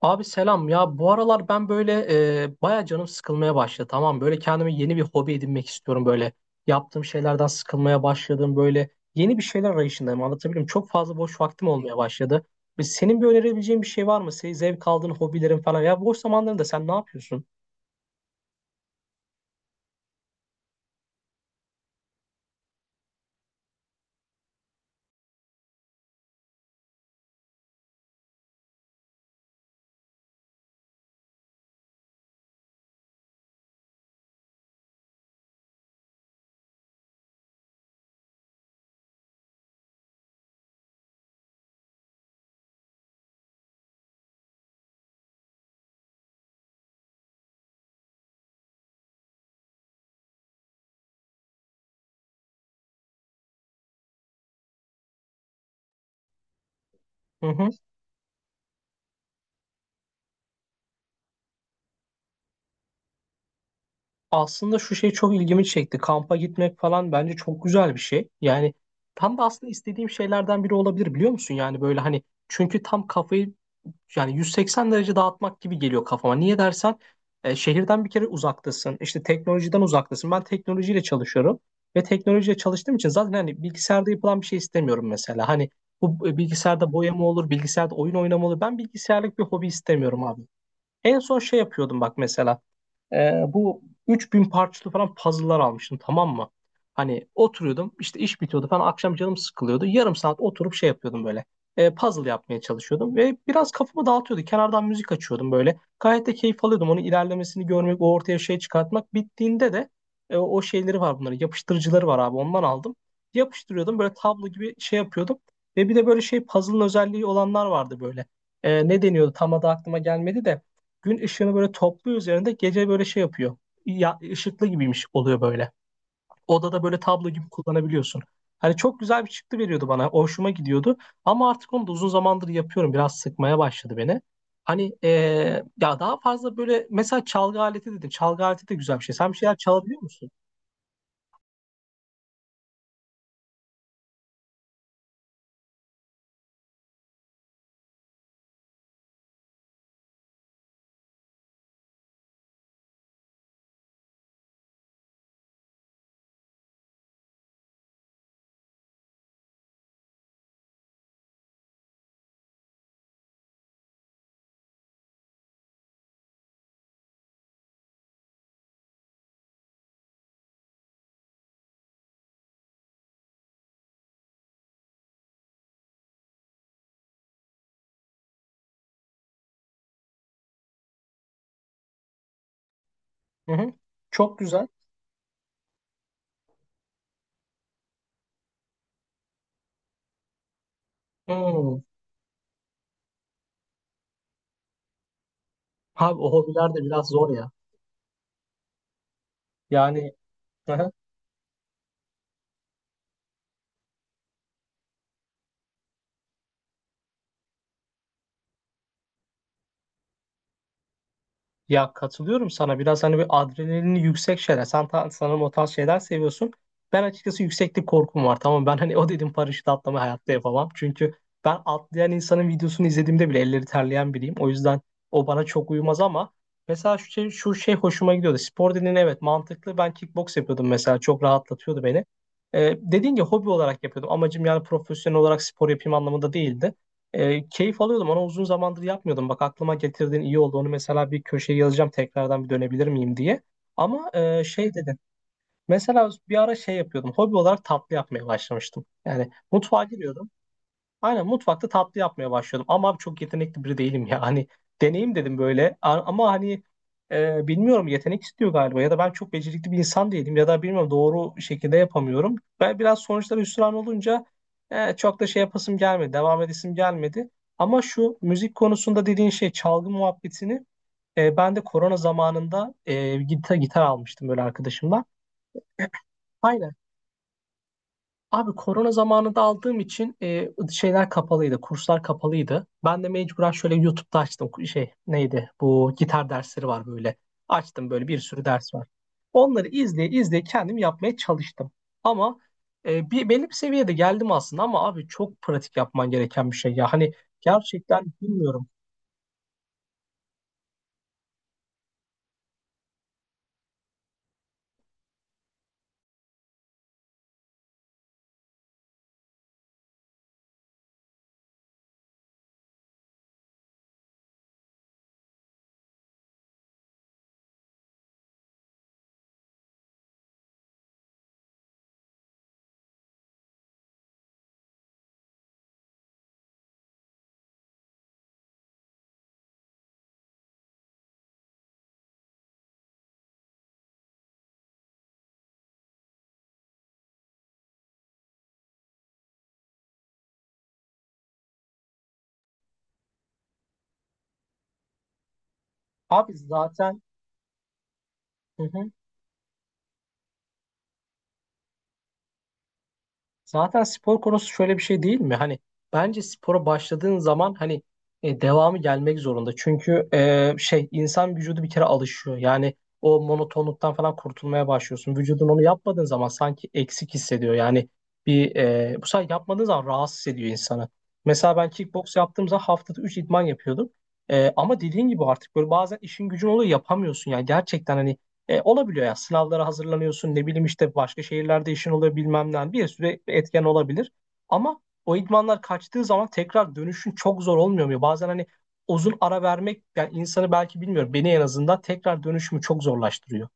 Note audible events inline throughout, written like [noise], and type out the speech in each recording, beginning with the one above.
Abi selam ya, bu aralar ben böyle baya canım sıkılmaya başladı, tamam mı? Böyle kendime yeni bir hobi edinmek istiyorum, böyle yaptığım şeylerden sıkılmaya başladım, böyle yeni bir şeyler arayışındayım, anlatabilirim. Çok fazla boş vaktim olmaya başladı. Senin bir önerebileceğin bir şey var mı? Senin zevk aldığın hobilerin falan, ya boş zamanlarında sen ne yapıyorsun? Hı hı. Aslında şu şey çok ilgimi çekti, kampa gitmek falan bence çok güzel bir şey yani, tam da aslında istediğim şeylerden biri olabilir, biliyor musun? Yani böyle, hani, çünkü tam kafayı, yani 180 derece dağıtmak gibi geliyor kafama. Niye dersen, şehirden bir kere uzaktasın. İşte teknolojiden uzaktasın. Ben teknolojiyle çalışıyorum ve teknolojiyle çalıştığım için zaten hani bilgisayarda yapılan bir şey istemiyorum mesela. Hani bu bilgisayarda boyama olur, bilgisayarda oyun oynama olur. Ben bilgisayarlık bir hobi istemiyorum abi. En son şey yapıyordum, bak mesela. Bu 3.000 parçalı falan puzzle'lar almıştım, tamam mı? Hani oturuyordum, işte iş bitiyordu falan, akşam canım sıkılıyordu. Yarım saat oturup şey yapıyordum böyle. Puzzle yapmaya çalışıyordum ve biraz kafamı dağıtıyordu. Kenardan müzik açıyordum böyle. Gayet de keyif alıyordum. Onun ilerlemesini görmek, o ortaya şey çıkartmak. Bittiğinde de o şeyleri var bunların. Yapıştırıcıları var abi, ondan aldım. Yapıştırıyordum, böyle tablo gibi şey yapıyordum. Ve bir de böyle şey, puzzle'ın özelliği olanlar vardı böyle. Ne deniyordu, tam adı aklıma gelmedi de gün ışığını böyle topluyor üzerinde, gece böyle şey yapıyor. Ya, ışıklı gibiymiş oluyor böyle. Odada böyle tablo gibi kullanabiliyorsun. Hani çok güzel bir çıktı veriyordu bana. Hoşuma gidiyordu. Ama artık onu da uzun zamandır yapıyorum, biraz sıkmaya başladı beni. Hani ya daha fazla böyle, mesela çalgı aleti dedim. Çalgı aleti de güzel bir şey. Sen bir şeyler çalabiliyor musun? Hı hı. Çok güzel. Hmm. Abi o hobiler de biraz zor ya. Yani [laughs] ya, katılıyorum sana. Biraz hani bir adrenalini yüksek şeyler. Sen sanırım o tarz şeyler seviyorsun. Ben açıkçası yükseklik korkum var. Tamam, ben hani o dedim, paraşüt atlama hayatta yapamam. Çünkü ben atlayan insanın videosunu izlediğimde bile elleri terleyen biriyim. O yüzden o bana çok uyumaz ama mesela şu şey hoşuma gidiyordu. Spor dediğin, evet, mantıklı. Ben kickbox yapıyordum mesela. Çok rahatlatıyordu beni. Dediğin gibi hobi olarak yapıyordum. Amacım yani profesyonel olarak spor yapayım anlamında değildi. Keyif alıyordum. Onu uzun zamandır yapmıyordum. Bak, aklıma getirdiğin iyi oldu. Onu mesela bir köşeye yazacağım, tekrardan bir dönebilir miyim diye. Ama şey dedin. Mesela bir ara şey yapıyordum. Hobi olarak tatlı yapmaya başlamıştım. Yani mutfağa giriyordum. Aynen, mutfakta tatlı yapmaya başladım. Ama abi çok yetenekli biri değilim ya. Hani deneyim dedim böyle. Ama hani, bilmiyorum, yetenek istiyor galiba. Ya da ben çok becerikli bir insan değilim. Ya da bilmiyorum, doğru şekilde yapamıyorum. Ben biraz sonuçlara hüsran olunca çok da şey yapasım gelmedi. Devam edesim gelmedi. Ama şu müzik konusunda dediğin şey, çalgı muhabbetini, ben de korona zamanında gitar almıştım böyle arkadaşımla. [clears throat] Aynen. Abi korona zamanında aldığım için şeyler kapalıydı, kurslar kapalıydı. Ben de mecburen şöyle YouTube'da açtım, şey neydi, bu gitar dersleri var böyle. Açtım, böyle bir sürü ders var. Onları izleye izleye kendim yapmaya çalıştım. Ama bir belli bir seviyede geldim aslında, ama abi çok pratik yapman gereken bir şey ya. Hani gerçekten bilmiyorum. Abi zaten [laughs] zaten spor konusu şöyle bir şey değil mi? Hani bence spora başladığın zaman hani devamı gelmek zorunda. Çünkü şey, insan vücudu bir kere alışıyor. Yani o monotonluktan falan kurtulmaya başlıyorsun. Vücudun onu yapmadığın zaman sanki eksik hissediyor. Yani bu sefer yapmadığın zaman rahatsız ediyor insanı. Mesela ben kickbox yaptığım zaman haftada 3 idman yapıyordum. Ama dediğin gibi artık böyle bazen işin gücün oluyor, yapamıyorsun. Yani gerçekten hani olabiliyor yani, sınavlara hazırlanıyorsun, ne bileyim işte başka şehirlerde işin oluyor, bilmem ne, bir sürü etken olabilir. Ama o idmanlar kaçtığı zaman tekrar dönüşün çok zor olmuyor mu? Bazen hani uzun ara vermek yani insanı, belki bilmiyorum, beni en azından tekrar dönüşümü çok zorlaştırıyor.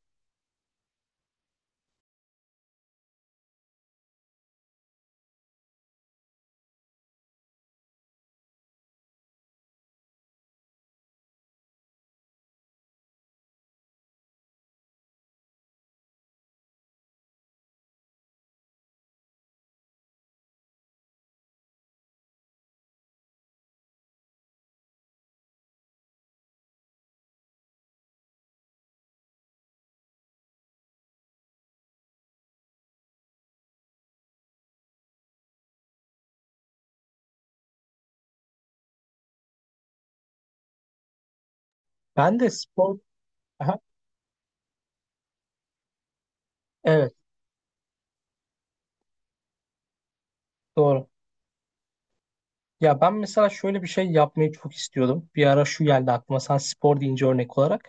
Ben de spor. Aha, evet, doğru. Ya, ben mesela şöyle bir şey yapmayı çok istiyordum. Bir ara şu geldi aklıma sen spor deyince, örnek olarak.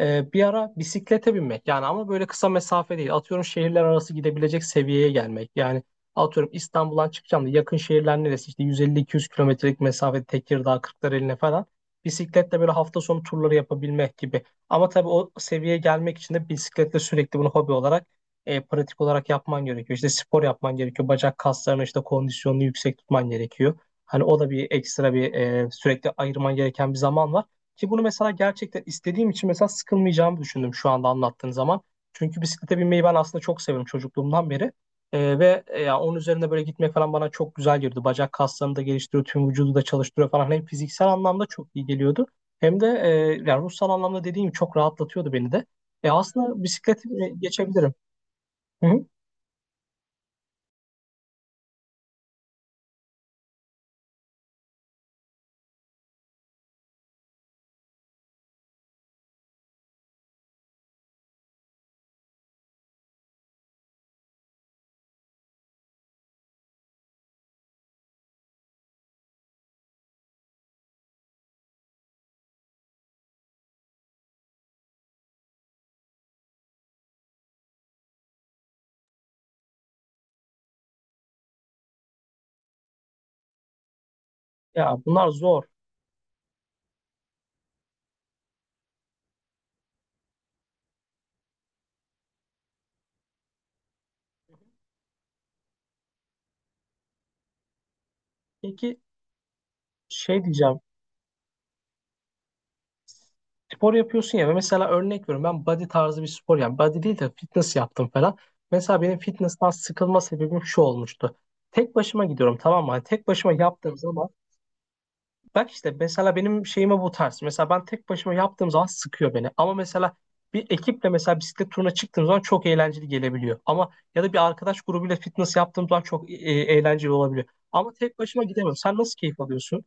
Bir ara bisiklete binmek, yani ama böyle kısa mesafe değil. Atıyorum şehirler arası gidebilecek seviyeye gelmek. Yani atıyorum, İstanbul'dan çıkacağım da yakın şehirler neresi, işte 150-200 kilometrelik mesafe, Tekirdağ, Kırklareli'ne falan. Bisikletle böyle hafta sonu turları yapabilmek gibi. Ama tabii o seviyeye gelmek için de bisikletle sürekli bunu hobi olarak, pratik olarak yapman gerekiyor. İşte spor yapman gerekiyor. Bacak kaslarını, işte kondisyonunu yüksek tutman gerekiyor. Hani o da bir ekstra, sürekli ayırman gereken bir zaman var. Ki bunu mesela gerçekten istediğim için mesela sıkılmayacağımı düşündüm şu anda anlattığın zaman. Çünkü bisiklete binmeyi ben aslında çok seviyorum çocukluğumdan beri. Ve ya onun üzerinde böyle gitmek falan bana çok güzel geliyordu. Bacak kaslarını da geliştiriyor, tüm vücudu da çalıştırıyor falan. Hem fiziksel anlamda çok iyi geliyordu. Hem de yani ruhsal anlamda, dediğim gibi, çok rahatlatıyordu beni de. Aslında bisikleti geçebilirim. Hı hı. Ya, bunlar zor. Peki, şey diyeceğim, spor yapıyorsun ya, ve mesela örnek veriyorum, ben body tarzı bir spor, yani body değil de fitness yaptım falan. Mesela benim fitness'tan sıkılma sebebim şu olmuştu. Tek başıma gidiyorum, tamam mı? Hani tek başıma yaptığım zaman, bak işte mesela benim şeyime bu tarz. Mesela ben tek başıma yaptığım zaman sıkıyor beni. Ama mesela bir ekiple mesela bisiklet turuna çıktığım zaman çok eğlenceli gelebiliyor. Ama ya da bir arkadaş grubuyla fitness yaptığım zaman çok eğlenceli olabiliyor. Ama tek başıma gidemiyorum. Sen nasıl keyif alıyorsun?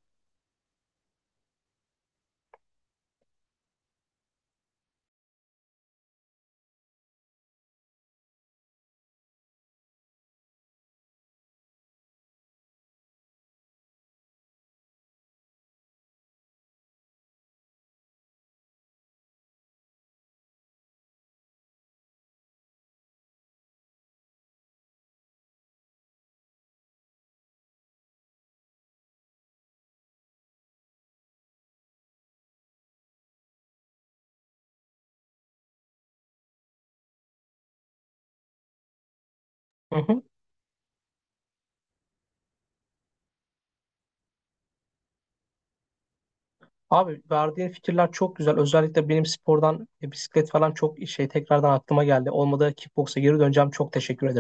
Hı hı. Abi, verdiğin fikirler çok güzel. Özellikle benim spordan, bisiklet falan çok şey tekrardan aklıma geldi. Olmadı kickboksa geri döneceğim. Çok teşekkür ederim.